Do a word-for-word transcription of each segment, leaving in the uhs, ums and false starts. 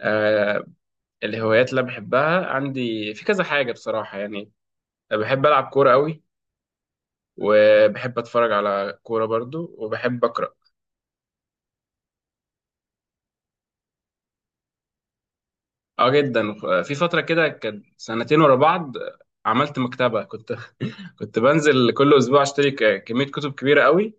آه، الهوايات اللي أنا بحبها عندي في كذا حاجة بصراحة يعني. بحب ألعب كورة قوي، وبحب أتفرج على كورة برضو، وبحب أقرأ. اه، جدا. في فترة كده كان سنتين ورا بعض عملت مكتبة. كنت كنت بنزل كل أسبوع أشتري ك- كمية كتب كبيرة قوي.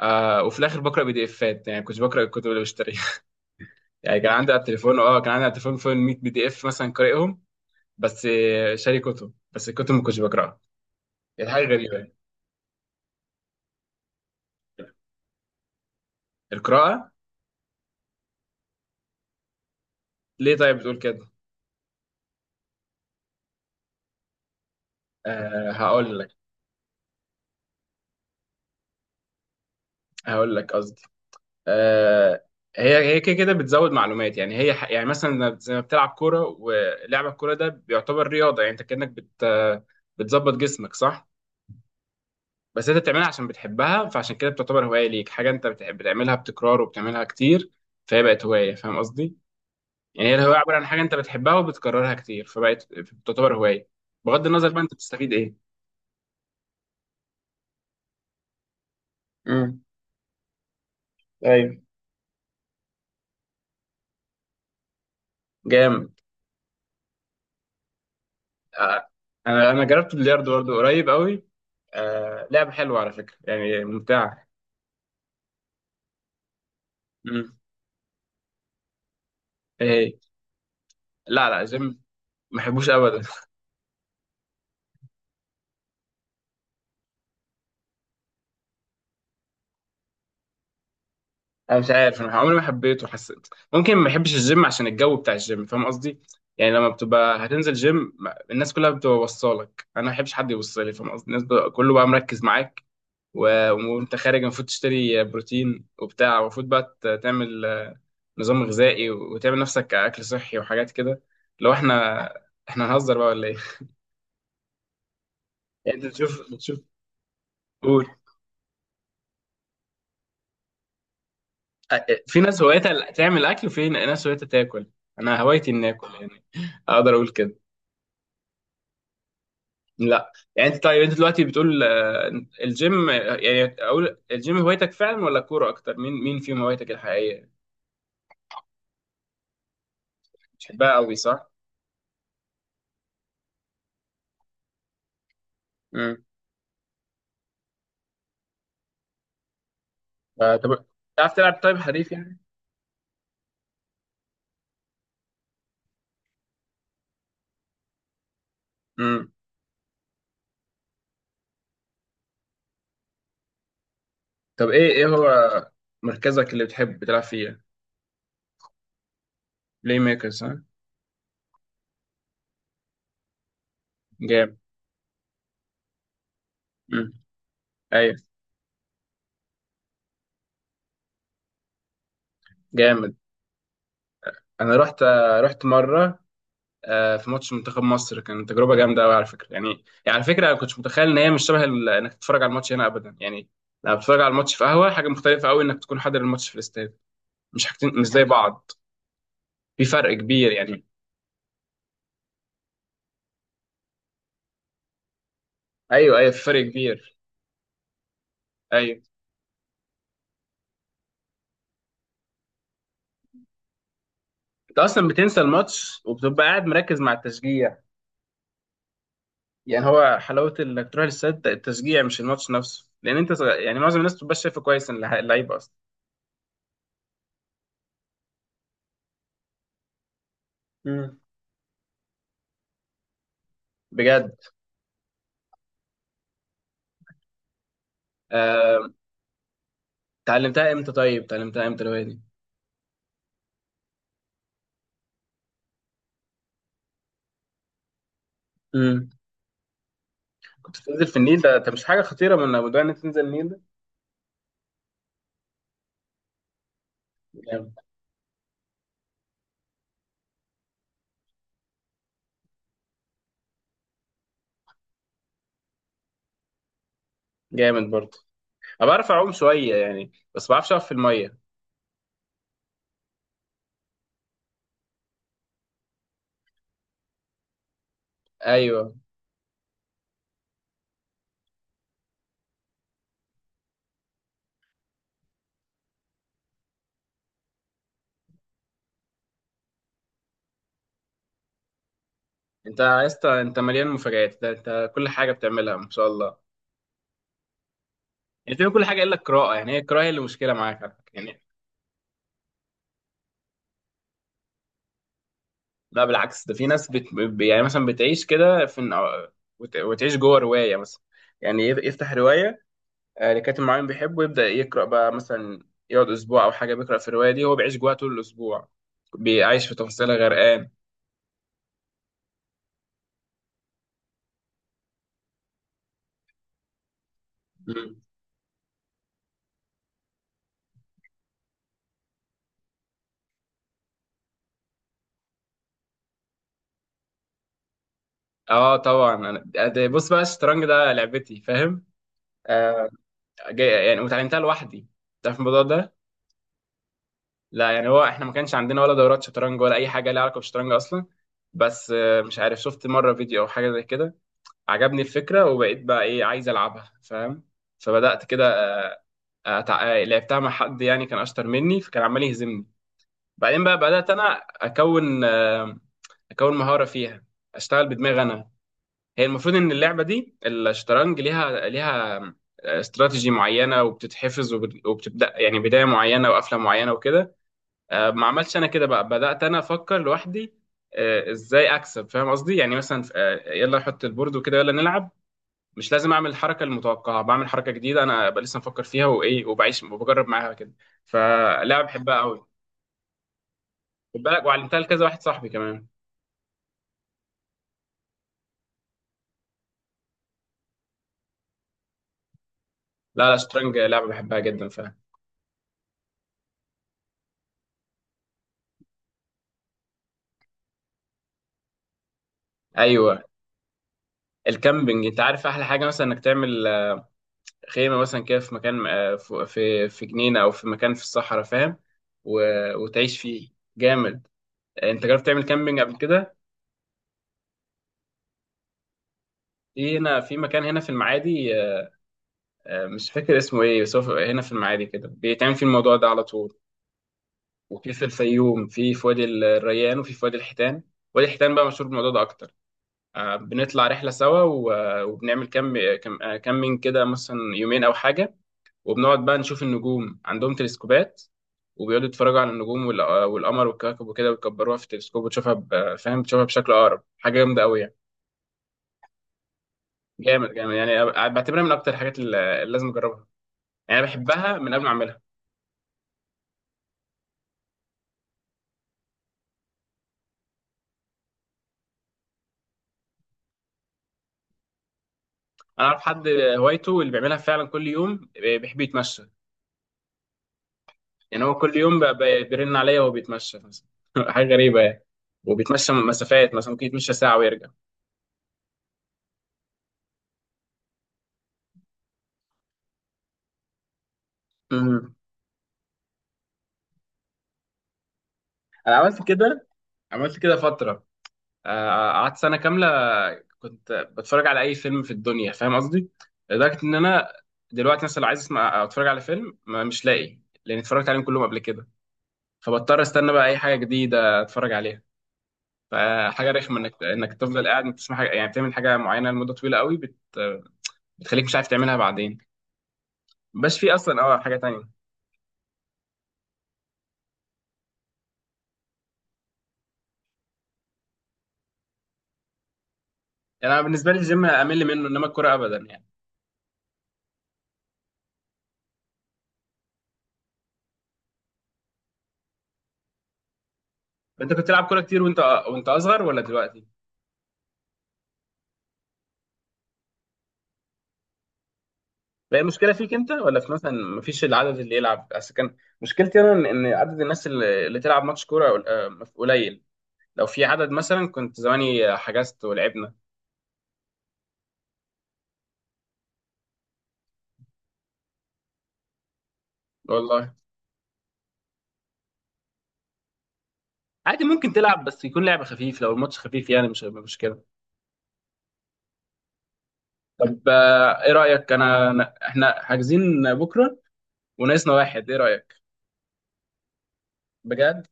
آه، وفي الآخر بقرأ بي دي إفات، يعني كنت بقرأ الكتب اللي بشتريها. يعني كان عندي على التليفون، اه كان عندي على التليفون فوق مية بي دي إف مثلا قارئهم. بس آه، شاري كتب بس، الكتب ما كنتش بقرأها. يعني حاجة غريبة. القراءة، ليه طيب بتقول كده؟ أه، هقول لك. هقول لك قصدي. أه. هي هي كده كده بتزود معلومات. يعني هي ح- يعني مثلا زي ما بتلعب كوره، ولعب الكوره ده بيعتبر رياضه، يعني انت كانك بت بتظبط جسمك، صح؟ بس انت بتعملها عشان بتحبها، فعشان كده بتعتبر هوايه ليك. حاجه انت بتح- بتعملها بتكرار وبتعملها كتير، فهي بقت هوايه. فاهم قصدي؟ يعني هي الهوايه عباره عن حاجه انت بتحبها وبتكررها كتير، فبقت بتعتبر هوايه. بغض النظر بقى انت بتستفيد ايه. امم. ايوه. جامد. آه، انا انا جربت البلياردو برضه قريب قوي. آه لعبة حلوة على فكرة، يعني ممتعة. مم. ايه هي؟ لا لا، جيم، ما بحبوش ابدا. انا مش عارف، انا عمري ما حبيته. حسيت ممكن ما بحبش الجيم عشان الجو بتاع الجيم. فاهم قصدي؟ يعني لما بتبقى هتنزل جيم، ما- الناس كلها بتبقى وصالك. انا ما بحبش حد يوصلي. فاهم قصدي؟ الناس بتبقى- كله بقى مركز معاك. و- وانت خارج المفروض تشتري بروتين وبتاع. المفروض بقى ت- تعمل نظام غذائي، وتعمل نفسك اكل صحي وحاجات كده. لو احنا احنا هنهزر بقى ولا ايه؟ يعني انت تشوف تشوف. في ناس هوايتها تعمل اكل، وفي ناس هوايتها تاكل. انا هوايتي اني اكل يعني، اقدر اقول كده. لا يعني، انت طيب، انت دلوقتي بتقول آه، الجيم آه، يعني، اقول الجيم هوايتك فعلا ولا كوره اكتر؟ مين مين فيهم هوايتك الحقيقيه؟ بتحبها قوي صح؟ امم. آه، طب، تعرف تلعب طيب حريف يعني؟ امم. طب ايه ايه هو مركزك اللي بتحب تلعب فيه؟ بلاي ميكر صح؟ جامد. امم. ايوه. جامد. انا رحت آه، رحت مره، آه، في ماتش منتخب مصر. كان تجربه جامده قوي على فكره يعني. يعني على فكره، انا كنتش متخيل ان هي مش شبه ال- انك تتفرج على الماتش هنا ابدا يعني. لما بتتفرج على الماتش في قهوه، حاجه مختلفه قوي انك تكون حاضر الماتش في الاستاد. مش حاجتين مش زي بعض. في فرق كبير يعني. ايوه، ايوه، في فرق كبير. ايوه، انت اصلا بتنسى الماتش وبتبقى قاعد مركز مع التشجيع. يعني هو حلاوه انك تروح الاستاد التشجيع، مش الماتش نفسه، لان انت صغ- يعني معظم الناس بتبقى شايفه كويس إن اللع- اللعيب اصلا. مم. بجد. آه، اتعلمتها امتى طيب، اتعلمتها امتى الهوايه دي؟ كنت بتنزل في النيل ده، ده مش حاجه خطيره، من موضوع انك تنزل النيل ده؟ جامد. جامد برضه. انا بعرف اعوم شويه يعني، بس ما بعرفش اقف في الميه. ايوه. انت يا اسطى، انت مليان مفاجآت. ده انت كل حاجه بتعملها ما شاء الله. يعني بتعمل كل حاجه الا القراءه. يعني هي القراءه هي اللي مشكله معاك على فكرة يعني. لا بالعكس، ده في ناس بت... ب- يعني مثلا بتعيش كده في، وت... وتعيش جوه روايه مثلا. يعني يف- يفتح روايه آه، لكاتب معين بيحبه، يبدا يقرا بقى مثلا. يقعد اسبوع او حاجه بيقرا في الروايه دي، هو بيعيش جواها طول الاسبوع. بيعيش في تفاصيلها غرقان. مم. اه طبعا. انا ده- بص بقى، الشطرنج ده لعبتي فاهم. آه جاي يعني، وتعلمتها لوحدي. تعرف الموضوع ده؟ لا يعني، هو احنا ما كانش عندنا ولا دورات شطرنج ولا اي حاجه لها علاقه بالشطرنج اصلا. بس آه مش عارف، شفت مره فيديو او حاجه زي كده. عجبني الفكره وبقيت بقى ايه، عايز العبها فاهم. فبدات كده. أتع... آه، لعبتها مع حد يعني، كان اشطر مني فكان عمال يهزمني. بعدين بقى بدات انا اكون، آه اكون مهاره فيها. اشتغل بدماغي انا. هي المفروض ان اللعبه دي، الشطرنج، ليها ليها استراتيجي معينه وبتتحفظ، وبت- وبتبدا يعني بدايه معينه وقفله معينه وكده. آه، ما عملتش انا كده، بقى بدات انا افكر لوحدي آه، ازاي اكسب. فاهم قصدي؟ يعني مثلا آه، يلا احط البورد وكده، يلا نلعب. مش لازم اعمل الحركه المتوقعه، بعمل حركه جديده انا بقى، لسه مفكر فيها وايه، وبعيش وبجرب معاها كده. فلعبه بحبها قوي. خد بالك، وعلمتها لكذا واحد صاحبي كمان. لا لا، شطرنج لعبه بحبها جدا فعلا. ايوه. الكامبينج، انت عارف احلى حاجه مثلا، انك تعمل خيمة مثلا كده في مكان آه، ف- في في جنينة أو في مكان في الصحراء، فاهم؟ و- وتعيش فيه. جامد. آه، أنت جربت تعمل كامبينج قبل كده؟ في هنا، في مكان هنا في المعادي، آه، آه، مش فاكر اسمه إيه، بس هو في- هنا في المعادي كده بيتعمل فيه الموضوع ده على طول. وفي في الفيوم، في في وادي الريان، وفي في وادي الحيتان. وادي الحيتان بقى مشهور بالموضوع ده أكتر. آه، بنطلع رحلة سوا، و- وبنعمل كام كام- آه، كامبينج كده مثلا يومين أو حاجة. وبنقعد بقى نشوف النجوم، عندهم تلسكوبات، وبيقعدوا يتفرجوا على النجوم والق- والقمر والكواكب وكده، ويكبروها في التلسكوب وتشوفها ب- فاهم، تشوفها بشكل اقرب. حاجه جامده قوي يعني. جامد جامد يعني، أ- بعتبرها من اكتر الحاجات اللي اللي لازم اجربها. يعني أنا بحبها من قبل ما اعملها. انا اعرف حد، هوايته اللي بيعملها فعلا كل يوم، بي- بيحب يتمشى. يعني هو كل يوم ب- ب- بيرن عليا وهو بيتمشى مثلا. حاجه غريبه يعني. وبيتمشى مسافات مثلا، ممكن يتمشى ساعه ويرجع. أمم. انا عملت كده، عملت كده فتره. آه، قعدت سنة كاملة كنت بتفرج على أي فيلم في الدنيا، فاهم قصدي؟ لدرجة إن أنا دلوقتي مثلا لو عايز أسمع أو أتفرج على فيلم، ما مش لاقي، لأن اتفرجت عليهم كلهم قبل كده. فبضطر أستنى بقى أي حاجة جديدة أتفرج عليها. فحاجة رخمة إنك إنك تفضل قاعد بتسمع حاجة يعني، بتعمل حاجة معينة لمدة طويلة قوي، بت... بتخليك مش عارف تعملها بعدين. مبقاش في أصلا أه حاجة تانية. يعني أنا بالنسبة لي الجيم أمل منه، إنما الكورة أبدا يعني. أنت كنت تلعب كورة كتير وأنت وأنت أصغر ولا دلوقتي؟ بقى المشكله فيك انت ولا في مثلا مفيش العدد اللي يلعب؟ اصل كان مشكلتي انا ان إن عدد الناس اللي اللي تلعب ماتش كوره قل- آه، قليل. لو في عدد مثلا كنت زماني حجزت ولعبنا. والله. عادي ممكن تلعب، بس يكون لعب خفيف. لو الماتش خفيف يعني مش هيبقى مشكله. طب آه، ايه رايك، انا أنا- احنا حاجزين بكره وناقصنا واحد، ايه رايك؟ بجد.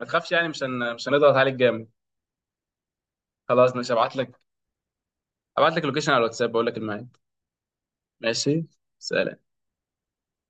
ما تخافش يعني، مش هن... مش هنضغط عليك جامد. خلاص ماشي، ابعت لك، ابعت لك اللوكيشن على الواتساب، بقول لك الميعاد. ماشي، سلام.